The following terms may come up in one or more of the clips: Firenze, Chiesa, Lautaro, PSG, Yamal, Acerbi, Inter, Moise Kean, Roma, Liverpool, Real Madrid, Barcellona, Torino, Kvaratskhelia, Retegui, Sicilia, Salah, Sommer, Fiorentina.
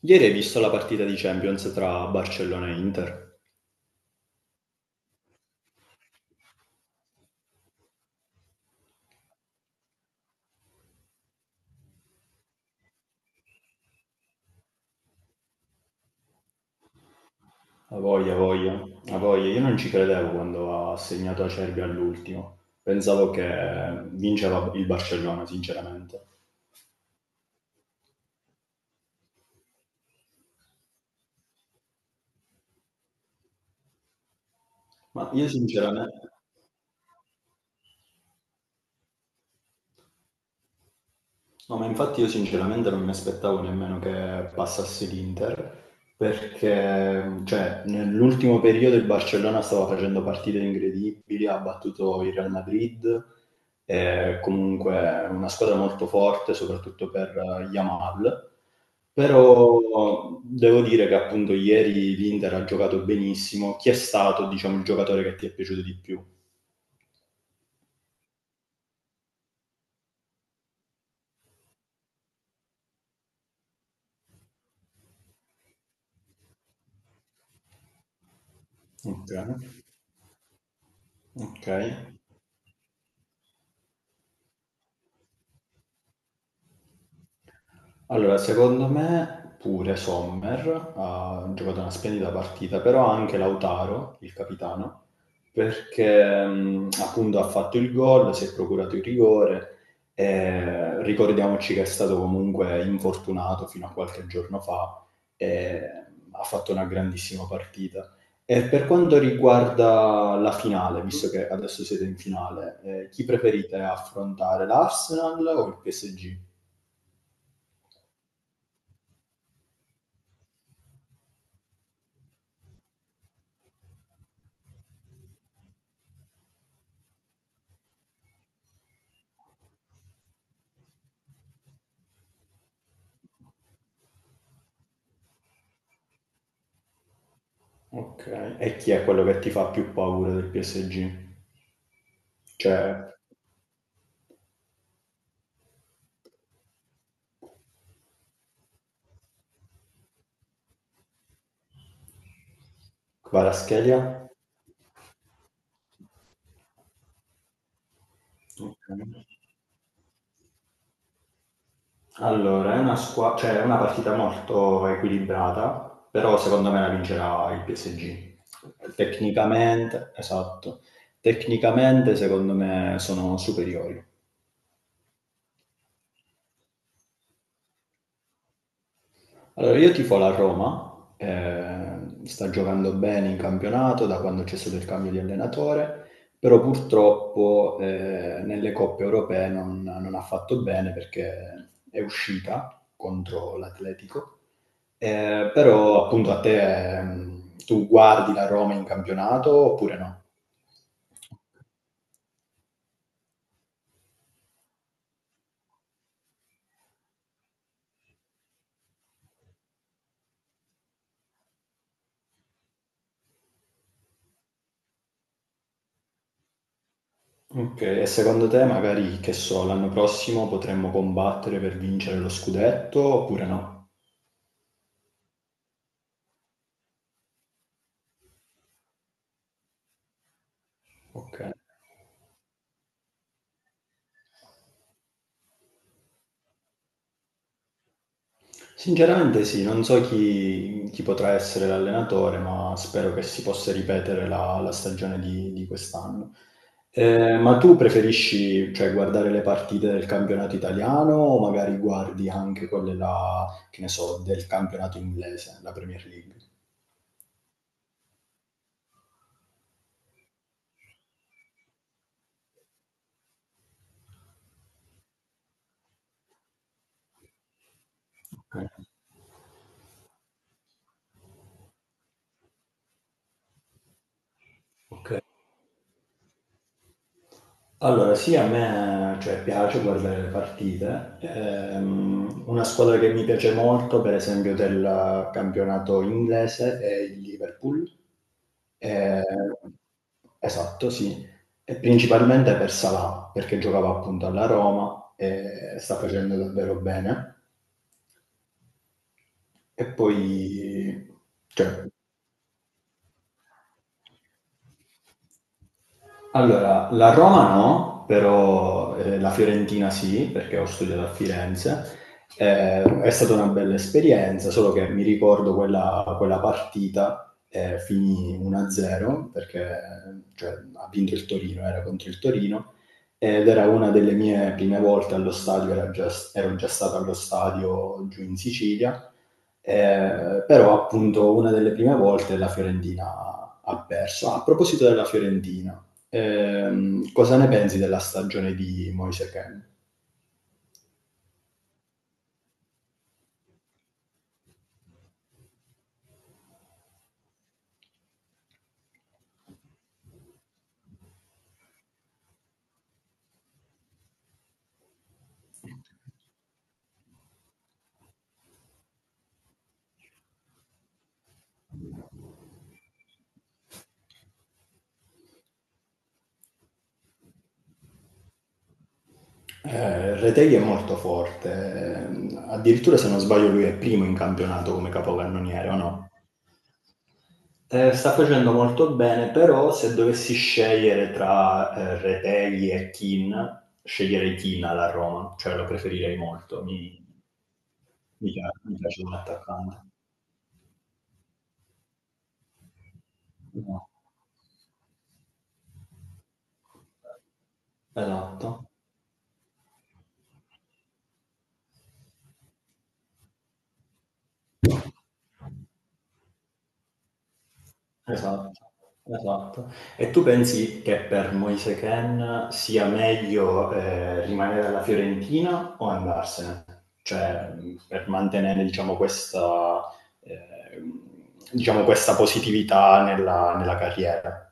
Ieri hai visto la partita di Champions tra Barcellona e Inter? A voglia, a voglia, a voglia. Io non ci credevo quando ha segnato Acerbi all'ultimo. Pensavo che vinceva il Barcellona, sinceramente. Ma io sinceramente... No, ma infatti io sinceramente non mi aspettavo nemmeno che passasse l'Inter, perché cioè, nell'ultimo periodo il Barcellona stava facendo partite incredibili, ha battuto il Real Madrid, è comunque una squadra molto forte, soprattutto per Yamal, però devo dire che appunto ieri l'Inter ha giocato benissimo. Chi è stato, diciamo, il giocatore che ti è piaciuto di più? Ok, ok. Allora, secondo me pure Sommer ha giocato una splendida partita, però anche Lautaro, il capitano, perché appunto ha fatto il gol, si è procurato il rigore e ricordiamoci che è stato comunque infortunato fino a qualche giorno fa e ha fatto una grandissima partita. E per quanto riguarda la finale, visto che adesso siete in finale, chi preferite affrontare, l'Arsenal o il PSG? Okay. E chi è quello che ti fa più paura del PSG? Cioè, Kvaratskhelia? Okay. Allora, è una squa cioè è una partita molto equilibrata, però secondo me la vincerà il PSG. Tecnicamente esatto. Tecnicamente secondo me sono superiori. Allora, io tifo la Roma, sta giocando bene in campionato da quando c'è stato il cambio di allenatore, però purtroppo nelle coppe europee non ha fatto bene perché è uscita contro l'Atletico. Però appunto a te, tu guardi la Roma in campionato oppure no? Ok, e secondo te magari, che so, l'anno prossimo potremmo combattere per vincere lo scudetto oppure no? Ok. Sinceramente sì, non so chi potrà essere l'allenatore, ma spero che si possa ripetere la stagione di quest'anno. Ma tu preferisci, cioè, guardare le partite del campionato italiano o magari guardi anche quelle là, che ne so, del campionato inglese, la Premier League? Ok, ok. Allora, sì, a me, cioè, piace guardare le partite. Una squadra che mi piace molto, per esempio, del campionato inglese è il Liverpool. Ehm esatto, sì. E principalmente per Salah, perché giocava appunto alla Roma e sta facendo davvero bene. E poi, cioè, allora, la Roma no, però la Fiorentina sì, perché ho studiato a Firenze. È stata una bella esperienza, solo che mi ricordo quella partita finì 1-0 perché cioè, ha vinto il Torino, era contro il Torino ed era una delle mie prime volte allo stadio, ero già stato allo stadio giù in Sicilia. Però appunto una delle prime volte la Fiorentina ha perso. Ah, a proposito della Fiorentina, cosa ne pensi della stagione di Moise Kean? Retegui è molto forte, addirittura se non sbaglio lui è primo in campionato come capocannoniere, o no? Sta facendo molto bene, però se dovessi scegliere tra, Retegui e Kean, sceglierei Kean alla Roma, cioè lo preferirei molto. Mi mi pia mi piace come attaccante. No. Esatto, esatto, esatto. E tu pensi che per Moise Kean sia meglio, rimanere alla Fiorentina o andarsene? Cioè, per mantenere ehm, diciamo questa positività nella nella carriera.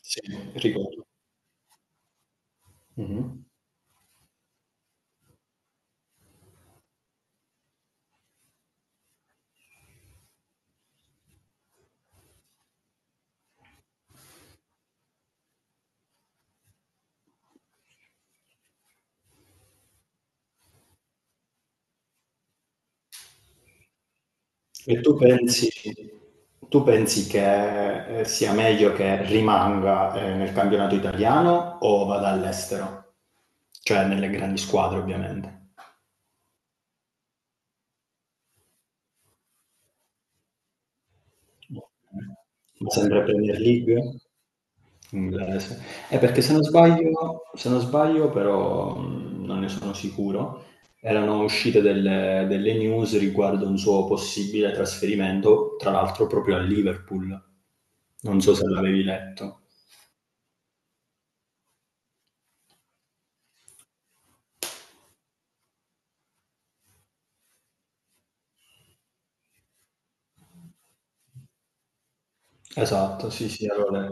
Sì, ricordo. Mh-mh. E tu pensi Tu pensi che, sia meglio che rimanga, nel campionato italiano o vada all'estero? Cioè nelle grandi squadre ovviamente. Okay. Sempre Premier League? Inglese. Perché se non sbaglio però, non ne sono sicuro, erano uscite delle delle news riguardo un suo possibile trasferimento, tra l'altro proprio al Liverpool. Non so se l'avevi letto. Esatto, sì, sì, allora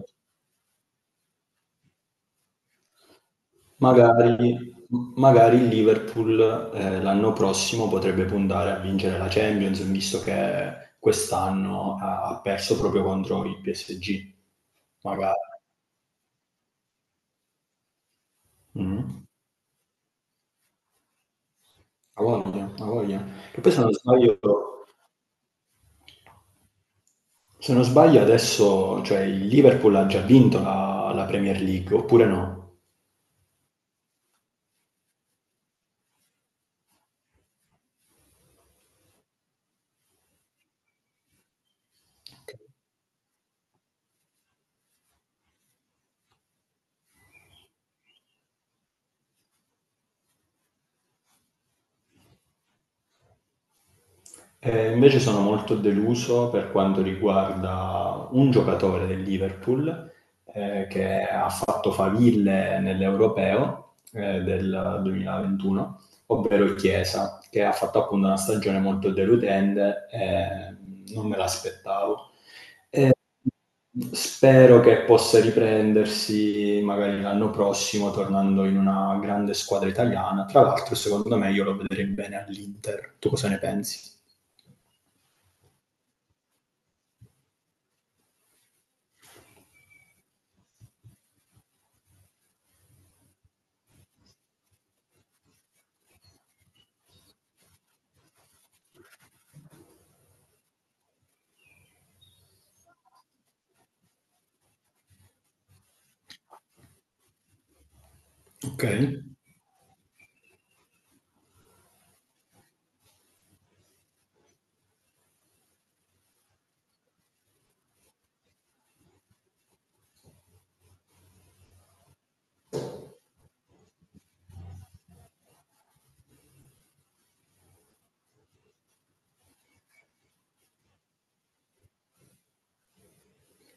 magari m magari il Liverpool, l'anno prossimo potrebbe puntare a vincere la Champions, visto che quest'anno ha perso proprio contro il PSG. Magari. Mh-mh. A voglia, a voglia. Che poi se non sbaglio adesso, cioè il Liverpool ha già vinto la la Premier League, oppure no? Okay. Invece sono molto deluso per quanto riguarda un giocatore del Liverpool, che ha fatto faville nell'Europeo, del 2021, ovvero Chiesa, che ha fatto appunto una stagione molto deludente e non me l'aspettavo. Ehm, Spero che possa riprendersi magari l'anno prossimo tornando in una grande squadra italiana. Tra l'altro secondo me io lo vedrei bene all'Inter. Tu cosa ne pensi? Okay.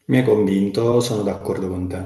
Mi hai convinto, sono d'accordo con te.